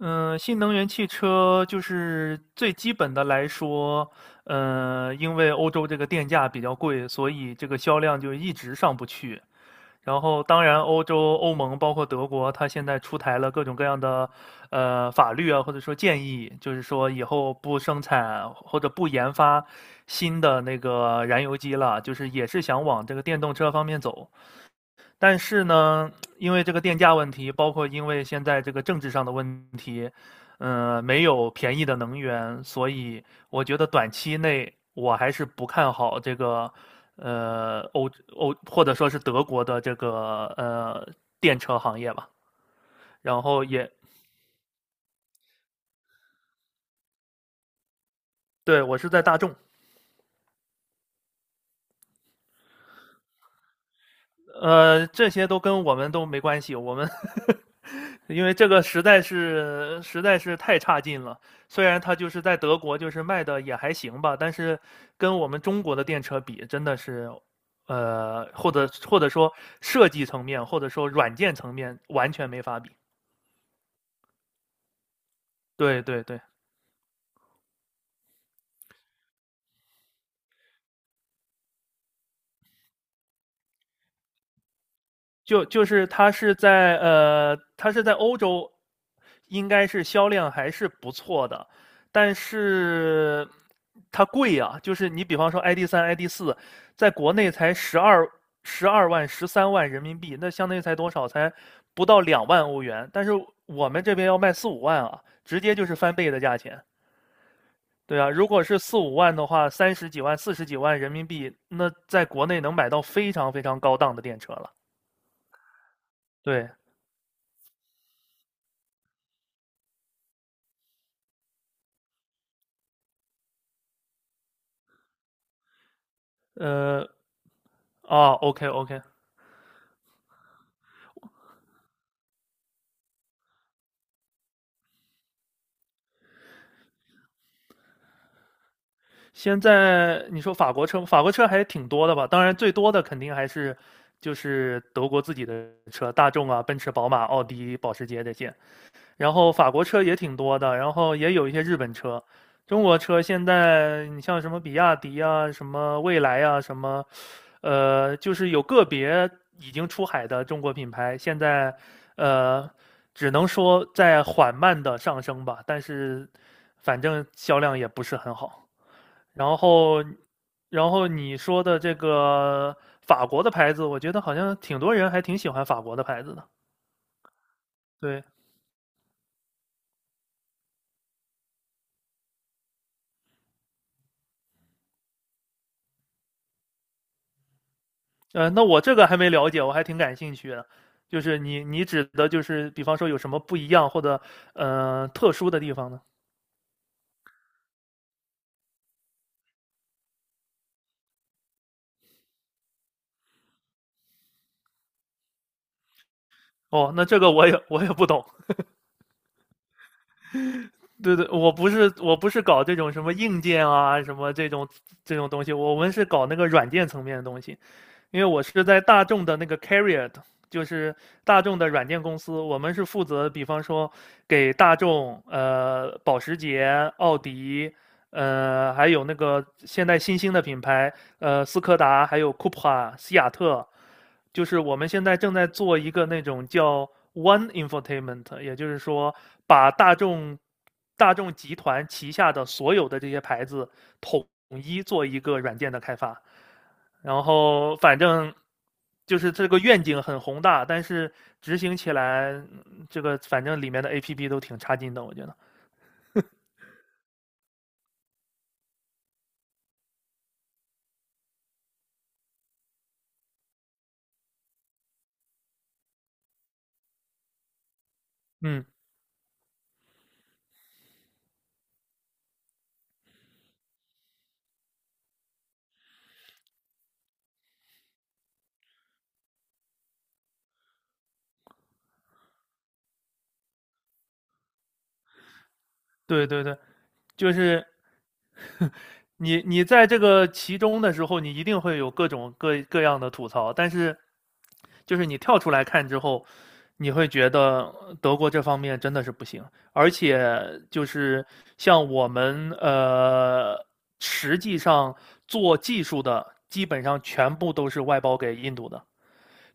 嗯，新能源汽车就是最基本的来说，因为欧洲这个电价比较贵，所以这个销量就一直上不去。然后，当然，欧洲、欧盟包括德国，它现在出台了各种各样的法律啊，或者说建议，就是说以后不生产或者不研发新的那个燃油机了，就是也是想往这个电动车方面走。但是呢，因为这个电价问题，包括因为现在这个政治上的问题，没有便宜的能源，所以我觉得短期内我还是不看好这个，呃，欧欧或者说是德国的这个电车行业吧。然后也对我是在大众，这些都跟我们都没关系，我们 因为这个实在是太差劲了。虽然它就是在德国，就是卖的也还行吧，但是跟我们中国的电车比，真的是，或者说设计层面，或者说软件层面，完全没法比。对对对。就是它是在欧洲，应该是销量还是不错的，但是它贵呀、就是你比方说 ID3、ID4，在国内才十二万、13万人民币，那相当于才多少？才不到2万欧元，但是我们这边要卖四五万啊，直接就是翻倍的价钱。对啊，如果是四五万的话，三十几万、四十几万人民币，那在国内能买到非常非常高档的电车了。对，呃，哦 o k OK，现在你说法国车，法国车还挺多的吧？当然，最多的肯定还是就是德国自己的车，大众啊、奔驰、宝马、奥迪、保时捷这些。然后法国车也挺多的，然后也有一些日本车。中国车现在你像什么比亚迪啊、什么蔚来啊、什么就是有个别已经出海的中国品牌，现在呃，只能说在缓慢的上升吧，但是反正销量也不是很好。然后，你说的这个法国的牌子，我觉得好像挺多人还挺喜欢法国的牌子的。对，那我这个还没了解，我还挺感兴趣的。就是你指的就是，比方说有什么不一样或者特殊的地方呢？哦，那这个我也不懂。对对，我不是搞这种什么硬件啊，什么这种东西，我们是搞那个软件层面的东西。因为我是在大众的那个 Carrier，就是大众的软件公司，我们是负责，比方说给大众、保时捷、奥迪，还有那个现在新兴的品牌，斯柯达，还有 Cupra、西雅特，就是我们现在正在做一个那种叫 One Infotainment，也就是说把大众集团旗下的所有的这些牌子统一做一个软件的开发。然后反正就是这个愿景很宏大，但是执行起来，这个反正里面的 APP 都挺差劲的，我觉得。嗯，对对对，就是你在这个其中的时候，你一定会有各种各样的吐槽，但是就是你跳出来看之后，你会觉得德国这方面真的是不行，而且就是像我们实际上做技术的基本上全部都是外包给印度的，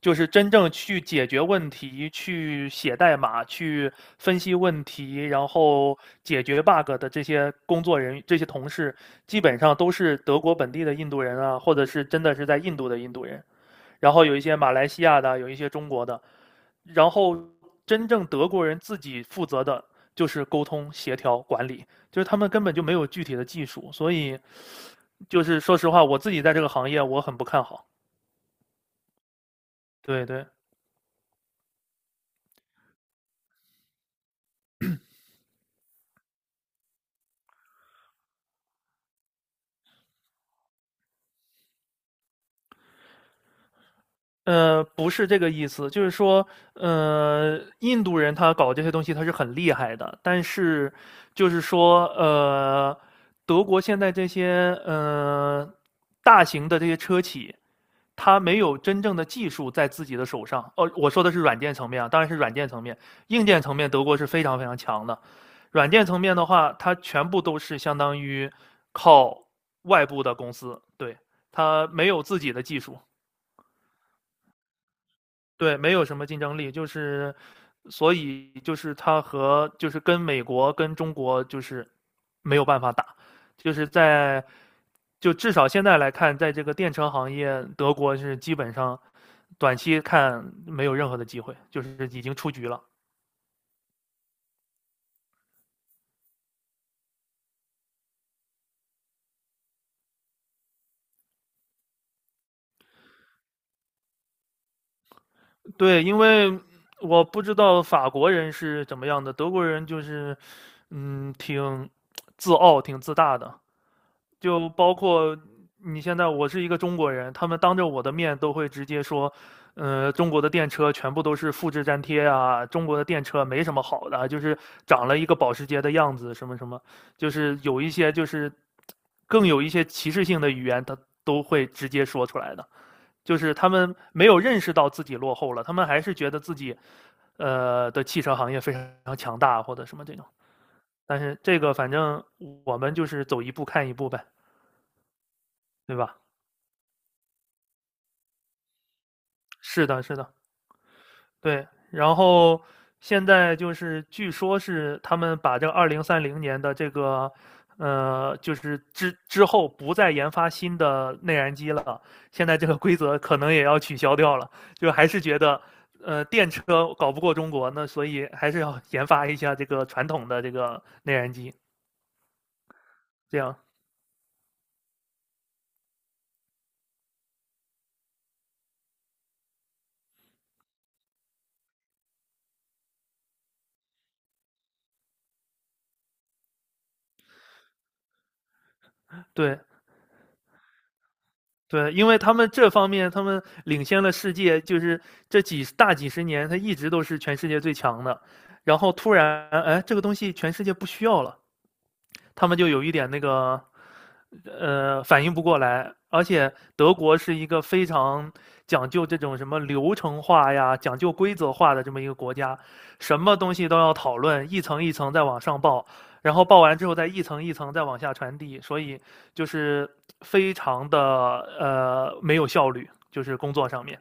就是真正去解决问题、去写代码、去分析问题，然后解决 bug 的这些工作人员、这些同事，基本上都是德国本地的印度人啊，或者是真的是在印度的印度人，然后有一些马来西亚的，有一些中国的，然后真正德国人自己负责的就是沟通、协调、管理，就是他们根本就没有具体的技术，所以就是说实话，我自己在这个行业我很不看好。对对，不是这个意思，就是说，印度人他搞这些东西他是很厉害的，但是就是说，德国现在这些大型的这些车企，他没有真正的技术在自己的手上。哦，我说的是软件层面啊，当然是软件层面，硬件层面德国是非常非常强的。软件层面的话，它全部都是相当于靠外部的公司，对，它没有自己的技术。对，没有什么竞争力，就是所以就是他和就是跟美国跟中国就是没有办法打，就是在就至少现在来看，在这个电车行业，德国是基本上短期看没有任何的机会，就是已经出局了。对，因为我不知道法国人是怎么样的，德国人就是挺自傲、挺自大的，就包括你现在，我是一个中国人，他们当着我的面都会直接说，中国的电车全部都是复制粘贴啊，中国的电车没什么好的啊，就是长了一个保时捷的样子，什么什么，就是有一些就是更有一些歧视性的语言，他都会直接说出来的。就是他们没有认识到自己落后了，他们还是觉得自己的汽车行业非常强大或者什么这种。但是这个反正我们就是走一步看一步呗，对吧？是的，是的，对。然后现在就是据说是他们把这个2030年的这个，就是之后不再研发新的内燃机了，现在这个规则可能也要取消掉了。就还是觉得，电车搞不过中国，那所以还是要 研发一下这个传统的这个内燃机，这样对。对，因为他们这方面，他们领先了世界，就是这几大几十年，他一直都是全世界最强的。然后突然，哎，这个东西全世界不需要了，他们就有一点那个，反应不过来。而且德国是一个非常讲究这种什么流程化呀、讲究规则化的这么一个国家，什么东西都要讨论，一层一层再往上报，然后报完之后再一层一层再往下传递，所以就是非常的没有效率，就是工作上面。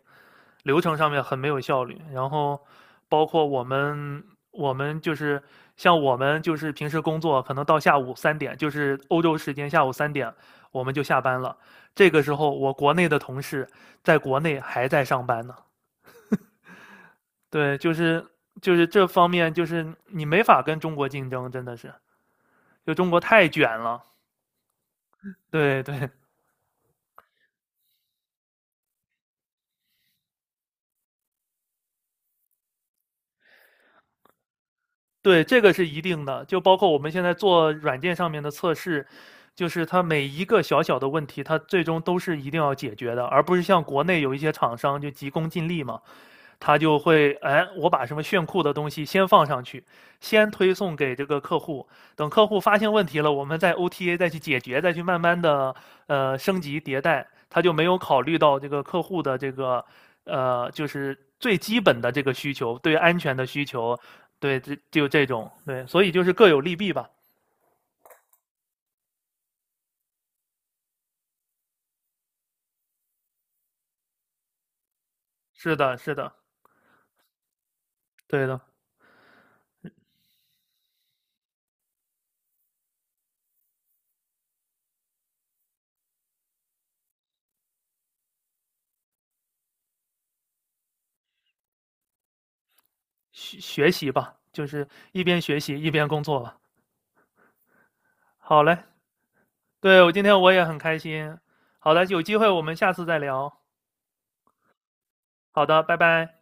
流程上面很没有效率。然后包括我们就是像我们就是平时工作，可能到下午三点，就是欧洲时间下午三点，我们就下班了。这个时候，我国内的同事在国内还在上班呢。对，就是这方面，就是你没法跟中国竞争，真的是，就中国太卷了。对对，对，这个是一定的，就包括我们现在做软件上面的测试，就是它每一个小小的问题，它最终都是一定要解决的，而不是像国内有一些厂商就急功近利嘛，他就会，哎，我把什么炫酷的东西先放上去，先推送给这个客户，等客户发现问题了，我们再 OTA 再去解决，再去慢慢的升级迭代，他就没有考虑到这个客户的这个就是最基本的这个需求，对安全的需求。对，这就这种，对，所以就是各有利弊吧。是的，是的，对的，学习吧，就是一边学习一边工作吧。好嘞，对，我今天我也很开心。好的，有机会我们下次再聊。好的，拜拜。